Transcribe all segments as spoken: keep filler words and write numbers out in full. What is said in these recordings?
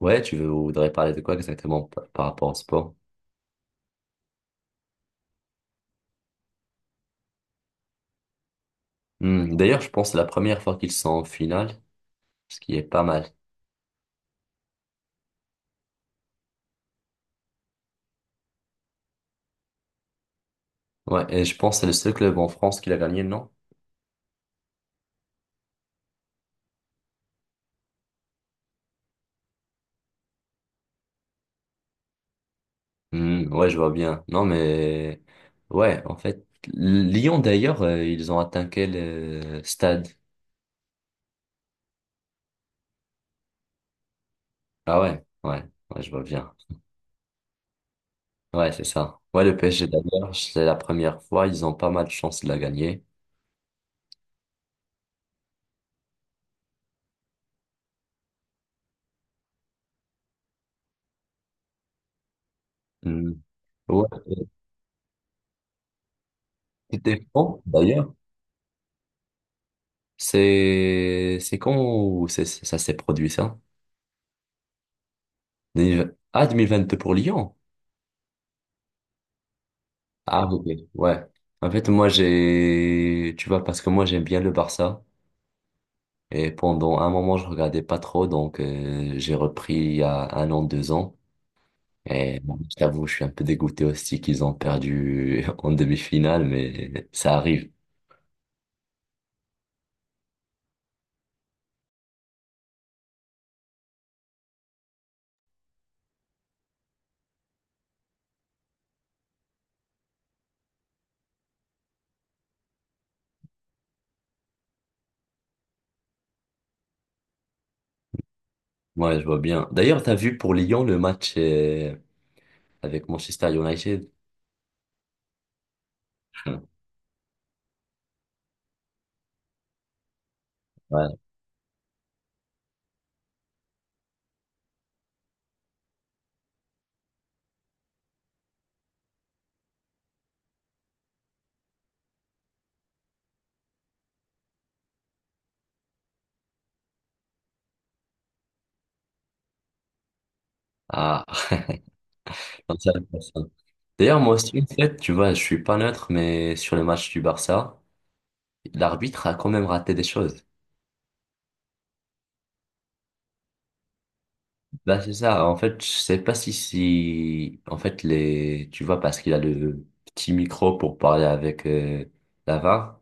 Ouais, tu voudrais parler de quoi exactement pa- par rapport au sport? Hmm, D'ailleurs, je pense que c'est la première fois qu'ils sont en finale, ce qui est pas mal. Ouais, et je pense que c'est le seul club en France qui l'a gagné, non? Hmm, ouais, je vois bien. Non, mais ouais, en fait, Lyon d'ailleurs, euh, ils ont atteint quel euh, stade? Ah, ouais, ouais, ouais, je vois bien. Ouais, c'est ça. Ouais, le P S G d'ailleurs, c'est la première fois, ils ont pas mal de chance de la gagner. Hmm. Ouais, c'était fond, d'ailleurs. C'est c'est quand c'est- c'est- ça s'est produit ça? deux mille vingt. Ah, deux mille vingt-deux pour Lyon. Ah, ok. Ouais. En fait, moi, j'ai... Tu vois, parce que moi, j'aime bien le Barça. Et pendant un moment, je regardais pas trop. Donc, euh, j'ai repris il y a un an, deux ans. Et bon, je t'avoue, je suis un peu dégoûté aussi qu'ils ont perdu en demi-finale. Mais ça arrive. Ouais, je vois bien. D'ailleurs, t'as vu pour Lyon le match euh, avec Manchester United? Ouais. Ah. Non, ça, d'ailleurs, moi aussi, en fait, tu vois, je suis pas neutre, mais sur le match du Barça, l'arbitre a quand même raté des choses. Bah c'est ça. En fait, je sais pas si, si, en fait, les, tu vois, parce qu'il a le petit micro pour parler avec euh, la V A R,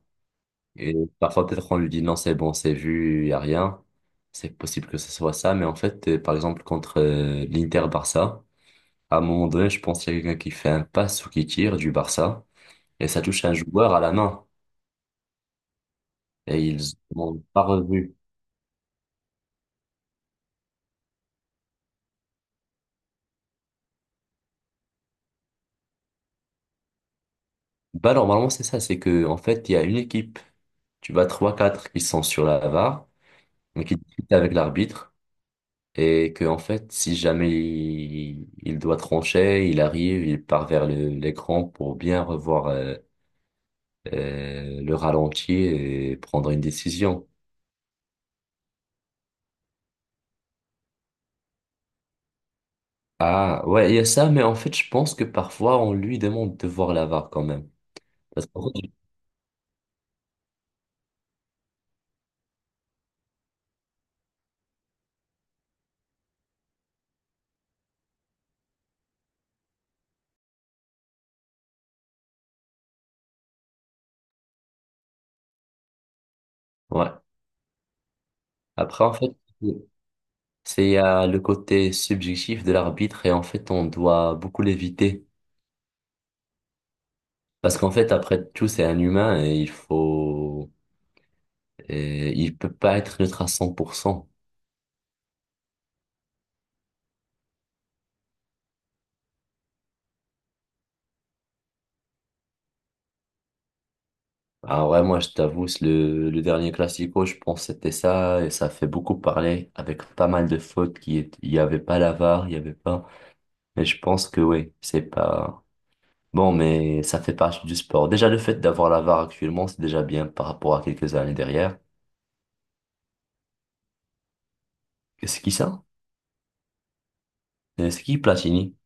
et parfois, peut-être, on lui dit non, c'est bon, c'est vu, y a rien. C'est possible que ce soit ça, mais en fait, euh, par exemple, contre euh, l'Inter-Barça, à un moment donné, je pense qu'il y a quelqu'un qui fait un pass ou qui tire du Barça, et ça touche un joueur à la main, et ils n'ont pas revu. Bah, normalement, c'est ça, c'est que, en fait, il y a une équipe, tu vas trois quatre qui sont sur la V A R, mais qui discutent avec l'arbitre, et que, en fait, si jamais il, il doit trancher, il arrive, il part vers le- l'écran pour bien revoir euh, euh, le ralenti et prendre une décision. Ah, ouais, il y a ça, mais en fait, je pense que parfois, on lui demande de voir la V A R quand même. Parce qu'en fait, ouais. Après, en fait, c'est il y a le côté subjectif de l'arbitre, et en fait, on doit beaucoup l'éviter. Parce qu'en fait, après tout, c'est un humain et il faut, et il peut pas être neutre à cent pour cent. Ah ouais, moi, je t'avoue, c'est le, le dernier Classico, je pense que c'était ça et ça fait beaucoup parler avec pas mal de fautes qui étaient- il y avait pas la V A R, il y avait pas. Mais je pense que oui, c'est pas, bon, mais ça fait partie du sport. Déjà, le fait d'avoir la V A R actuellement, c'est déjà bien par rapport à quelques années derrière. C'est qui ça? Euh, C'est qui Platini?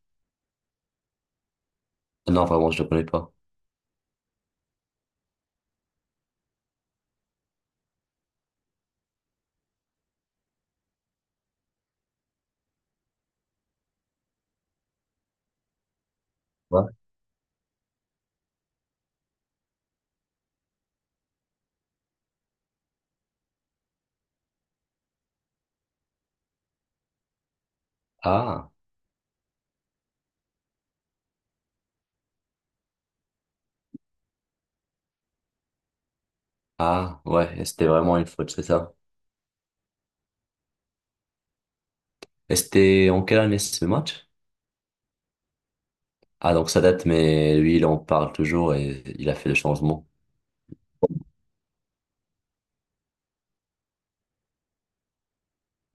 Non, vraiment, je ne le connais pas. Ouais. Ah, ah, ouais, et c'était vraiment une faute, c'est ça. Et c'était en quelle année ce match? Ah, donc ça date, mais lui, il en parle toujours et il a fait le changement.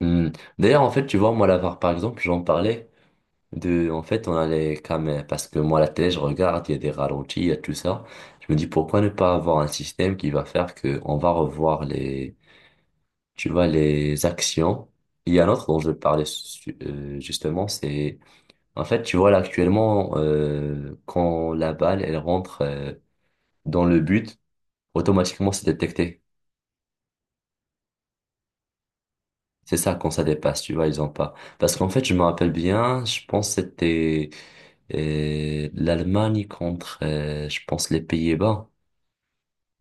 Hmm. D'ailleurs, en fait, tu vois, moi, la V A R, par exemple, j'en parlais de. En fait, on allait quand même. Parce que moi, la télé, je regarde, il y a des ralentis, il y a tout ça. Je me dis, pourquoi ne pas avoir un système qui va faire que on va revoir les tu vois, les actions. Il y a un autre dont je parlais su- euh, justement, c'est en fait, tu vois, là actuellement, euh, quand la balle, elle rentre euh, dans le but, automatiquement, c'est détecté. C'est ça, quand ça dépasse, tu vois, ils ont pas. Parce qu'en fait, je me rappelle bien, je pense que c'était euh, l'Allemagne contre, euh, je pense, les Pays-Bas.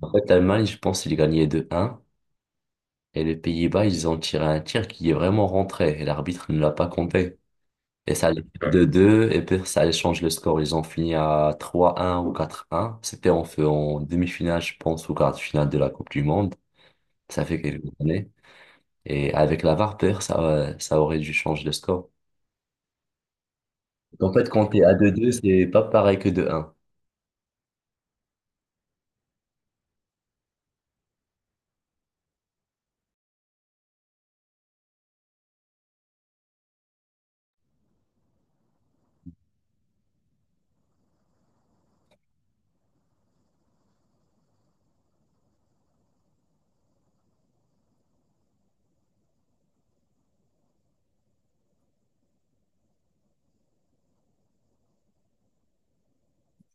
En fait, l'Allemagne, je pense, ils gagnaient deux un. Et les Pays-Bas, ils ont tiré un tir qui est vraiment rentré. Et l'arbitre ne l'a pas compté. Et ça allait, ouais, de deux et puis ça allait changer le score. Ils ont fini à trois un ou quatre un. C'était en fait en demi-finale, je pense, ou quart de finale de la Coupe du Monde. Ça fait quelques années. Et avec la V A R, peut-être, ça, euh, ça aurait dû changer le score. En fait, quand t'es à deux deux, c'est pas pareil que deux un.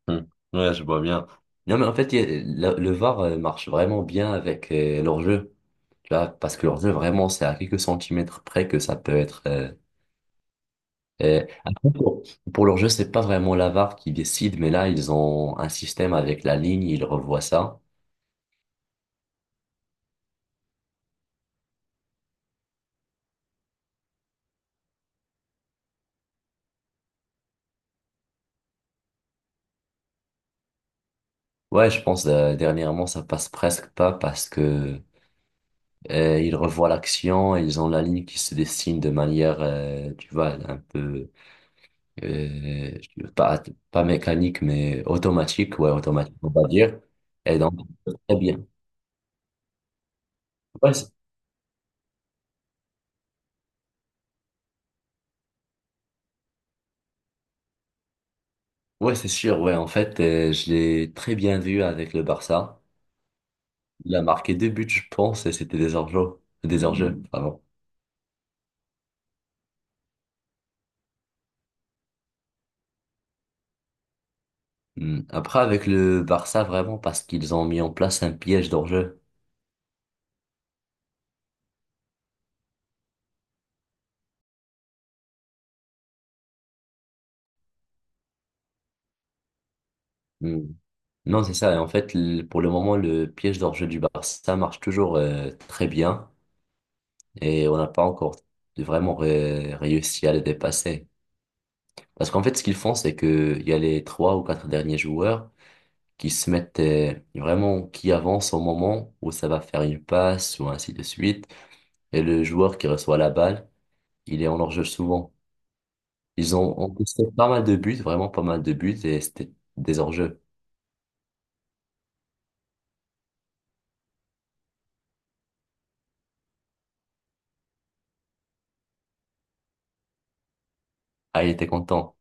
Hmm. Ouais, je vois bien. Non, mais en fait, il y a- la- le V A R euh, marche vraiment bien avec euh, leur jeu. Tu vois, parce que leur jeu, vraiment, c'est à quelques centimètres près que ça peut être. euh, Euh, après, pour, pour leur jeu, c'est pas vraiment la V A R qui décide, mais là, ils ont un système avec la ligne, ils revoient ça. Ouais, je pense, euh, dernièrement, ça passe presque pas parce que euh, ils revoient l'action, et ils ont la ligne qui se dessine de manière, euh, tu vois, un peu, euh, pas, pas mécanique, mais automatique, ouais, automatique, on va dire. Et donc, très bien. Ouais, c'est ouais, c'est sûr, ouais, en fait, euh, je l'ai très bien vu avec le Barça. Il a marqué deux buts, je pense, et c'était des hors-jeu. Des hors-jeu. Mm. Pardon. Hmm. Après, avec le Barça, vraiment, parce qu'ils ont mis en place un piège d'hors-jeu. Hmm. Non, c'est ça. Et en fait, le- pour le moment, le piège d'hors-jeu du Barça marche toujours euh, très bien. Et on n'a pas encore de- vraiment ré- réussi à le dépasser. Parce qu'en fait, ce qu'ils font, c'est que il y a les trois ou quatre derniers joueurs qui se mettent euh, vraiment, qui avancent au moment où ça va faire une passe ou ainsi de suite. Et le joueur qui reçoit la balle, il est en hors-jeu souvent. Ils ont encaissé pas mal de buts, vraiment pas mal de buts, et c'était des hors-jeux. Ah, il était content.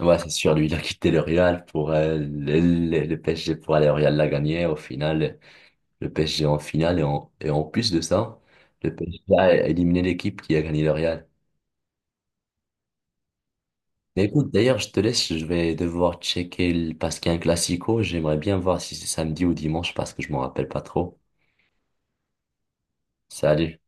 Ouais, c'est sûr, lui, il a quitté le Real pour euh, le, le- le P S G pour aller au Real l'a gagné. Au final, le P S G en finale, et en, et en plus de ça, le P S G a éliminé l'équipe qui a gagné le Real. Mais écoute, d'ailleurs, je te laisse, je vais devoir checker le- parce qu'il y a un classico. J'aimerais bien voir si c'est samedi ou dimanche parce que je m'en rappelle pas trop. Salut.